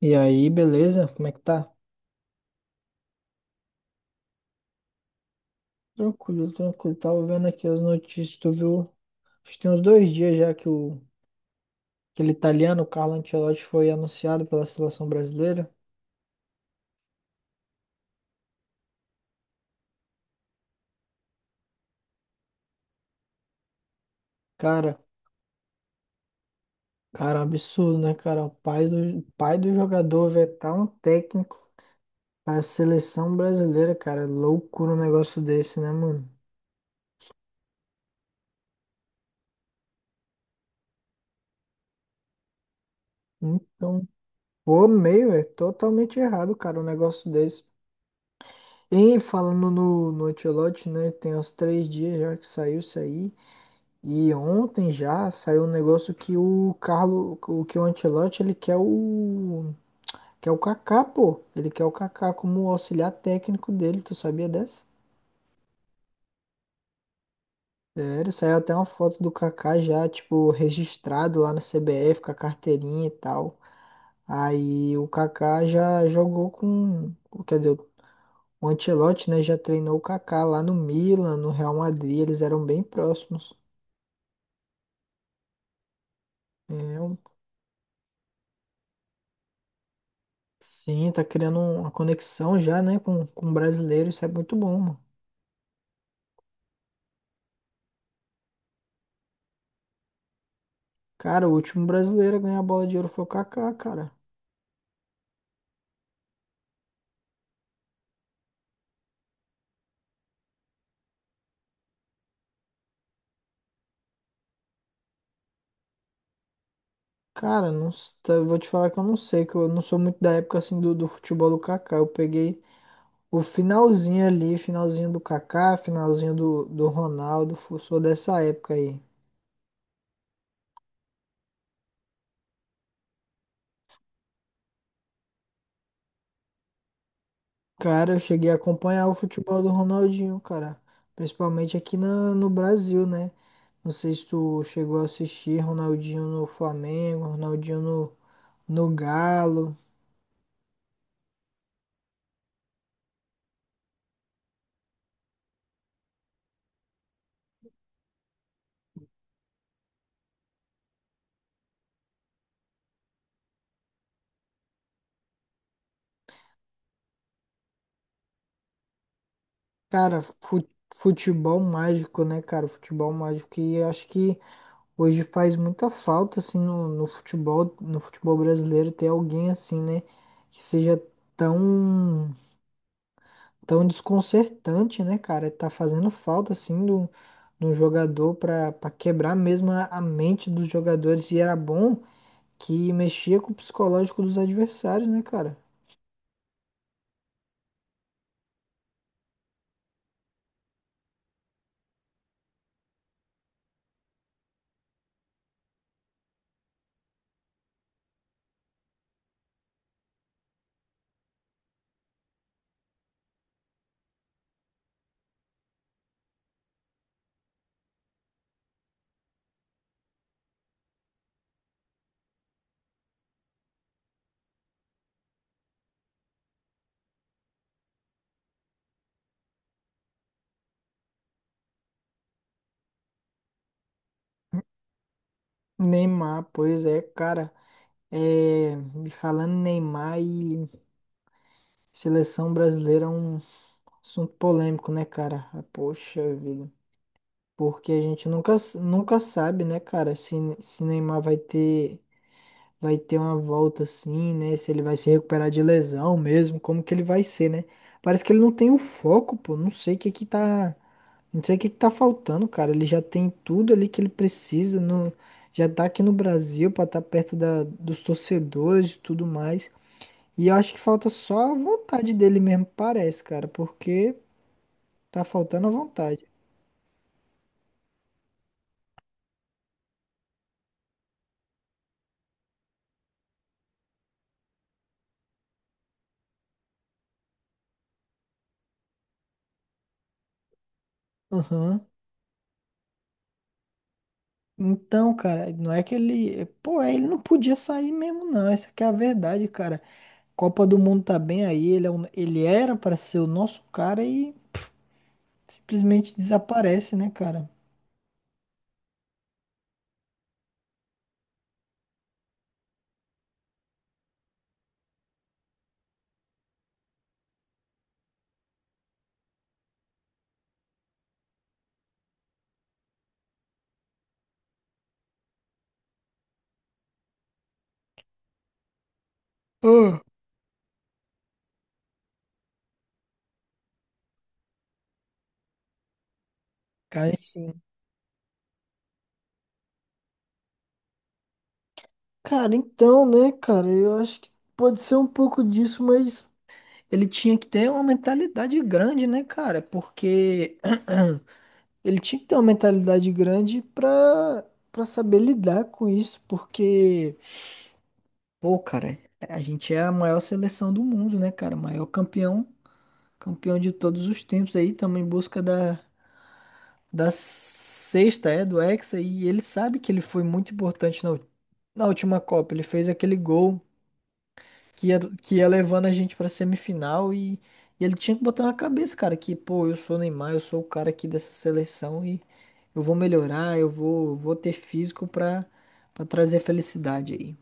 E aí, beleza? Como é que tá? Tranquilo, tranquilo. Tava vendo aqui as notícias, tu viu? Acho que tem uns dois dias já que o aquele italiano, Carlo Ancelotti, foi anunciado pela seleção brasileira. Cara, cara, absurdo, né, cara? O pai do jogador vetar um técnico para a seleção brasileira, cara. Loucura um negócio desse, né, mano? Então, pô, meio, é totalmente errado, cara, um negócio desse. E falando no Ancelotti, né? Tem uns três dias já que saiu isso aí. E ontem já saiu um negócio que o Carlo, o que o Ancelotti, ele quer o Kaká, pô. Ele quer o Kaká como auxiliar técnico dele, tu sabia dessa? Sério, saiu até uma foto do Kaká já, tipo, registrado lá na CBF com a carteirinha e tal. Aí o Kaká já jogou com, quer dizer, o Ancelotti, né, já treinou o Kaká lá no Milan, no Real Madrid, eles eram bem próximos. É, um Sim, tá criando uma conexão já, né, com o brasileiro, isso é muito bom, mano. Cara, o último brasileiro a ganhar a bola de ouro foi o Kaká, cara. Cara, não, eu vou te falar que eu não sei, que eu não sou muito da época assim do futebol do Kaká. Eu peguei o finalzinho ali, finalzinho do Kaká, finalzinho do Ronaldo, sou dessa época aí. Cara, eu cheguei a acompanhar o futebol do Ronaldinho, cara. Principalmente aqui no Brasil, né? Não sei se tu chegou a assistir Ronaldinho no Flamengo, Ronaldinho no Galo. Cara, futebol mágico, né, cara? Futebol mágico. E eu acho que hoje faz muita falta, assim, no futebol, no futebol brasileiro, ter alguém assim, né? Que seja tão, tão desconcertante, né, cara? Tá fazendo falta, assim, do, do jogador pra quebrar mesmo a mente dos jogadores. E era bom que mexia com o psicológico dos adversários, né, cara? Neymar, pois é, cara. É, e falando em Neymar e seleção brasileira é um assunto polêmico, né, cara? Ah, poxa vida. Porque a gente nunca, nunca sabe, né, cara, se Neymar vai ter uma volta assim, né? Se ele vai se recuperar de lesão mesmo, como que ele vai ser, né? Parece que ele não tem o foco, pô. Não sei o que que tá, não sei o que que tá faltando, cara. Ele já tem tudo ali que ele precisa, no, já tá aqui no Brasil pra estar perto da, dos torcedores e tudo mais. E eu acho que falta só a vontade dele mesmo, parece, cara, porque tá faltando a vontade. Aham. Então, cara, não é que ele. Pô, é, ele não podia sair mesmo, não. Essa que é a verdade, cara. Copa do Mundo tá bem aí, ele, ele era pra ser o nosso cara e simplesmente desaparece, né, cara? Ah, cai sim. Cara, então, né, cara, eu acho que pode ser um pouco disso, mas ele tinha que ter uma mentalidade grande, né, cara? Porque. Ele tinha que ter uma mentalidade grande pra saber lidar com isso, porque, pô, cara, a gente é a maior seleção do mundo, né, cara? Maior campeão, campeão de todos os tempos aí, estamos em busca da, da sexta, é, do Hexa, e ele sabe que ele foi muito importante na, na última Copa. Ele fez aquele gol que ia levando a gente pra semifinal e ele tinha que botar na cabeça, cara, que, pô, eu sou o Neymar, eu sou o cara aqui dessa seleção e eu vou melhorar, eu vou ter físico pra trazer felicidade aí.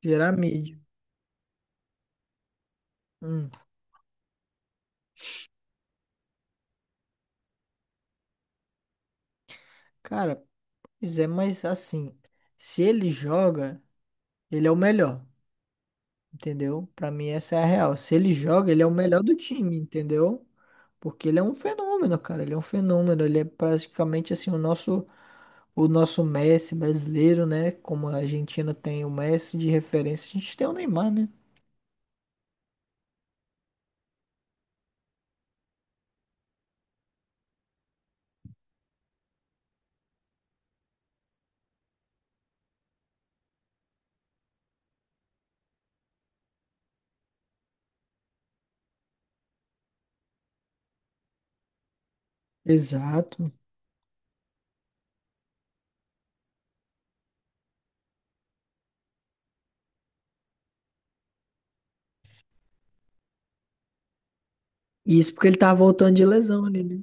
Gerar mídia. Hum, cara, pois é, mas assim, se ele joga, ele é o melhor. Entendeu? Pra mim essa é a real. Se ele joga, ele é o melhor do time, entendeu? Porque ele é um fenômeno, cara. Ele é um fenômeno. Ele é praticamente assim o nosso Messi brasileiro, né? Como a Argentina tem o Messi de referência, a gente tem o Neymar, né? Exato. E isso porque ele tava voltando de lesão ali, né?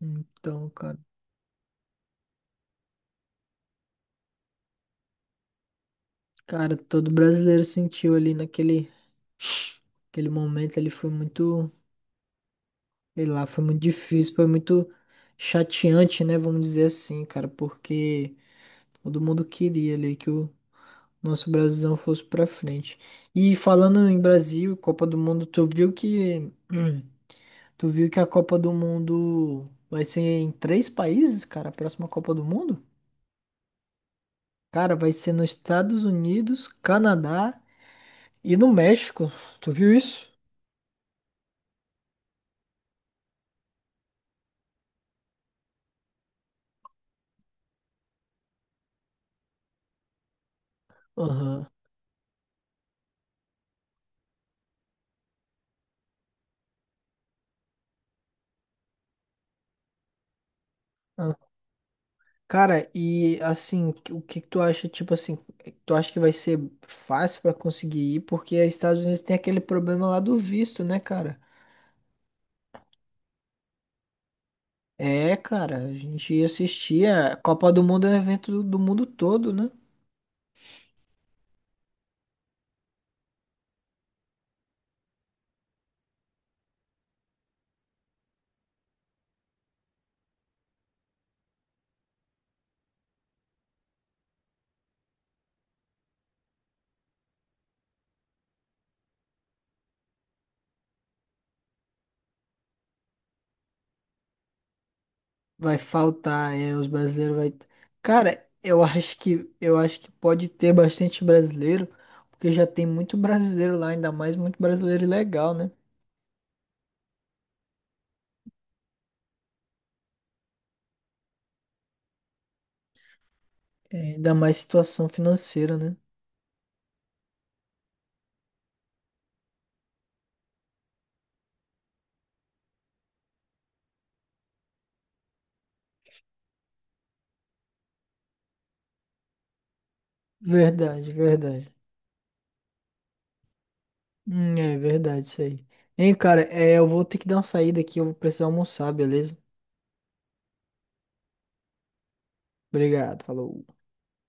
Então, cara, todo brasileiro sentiu ali naquele, aquele momento, ele foi muito, sei lá, foi muito difícil, foi muito chateante, né? Vamos dizer assim, cara, porque todo mundo queria ali que o nosso Brasilzão fosse pra frente. E falando em Brasil, Copa do Mundo, tu viu que hum, tu viu que a Copa do Mundo vai ser em três países, cara, a próxima Copa do Mundo? Cara, vai ser nos Estados Unidos, Canadá e no México. Tu viu isso? Aham. Ah, cara, e assim, o que que tu acha, tipo assim, tu acha que vai ser fácil pra conseguir ir? Porque os Estados Unidos tem aquele problema lá do visto, né, cara? É, cara, a gente assistia. A Copa do Mundo é um evento do mundo todo, né? Vai faltar, é, os brasileiros vai. Cara, eu acho que pode ter bastante brasileiro, porque já tem muito brasileiro lá, ainda mais muito brasileiro legal, né? É, ainda mais situação financeira, né? Verdade, verdade. É verdade isso aí. Hein, cara, é, eu vou ter que dar uma saída aqui, eu vou precisar almoçar, beleza? Obrigado, falou.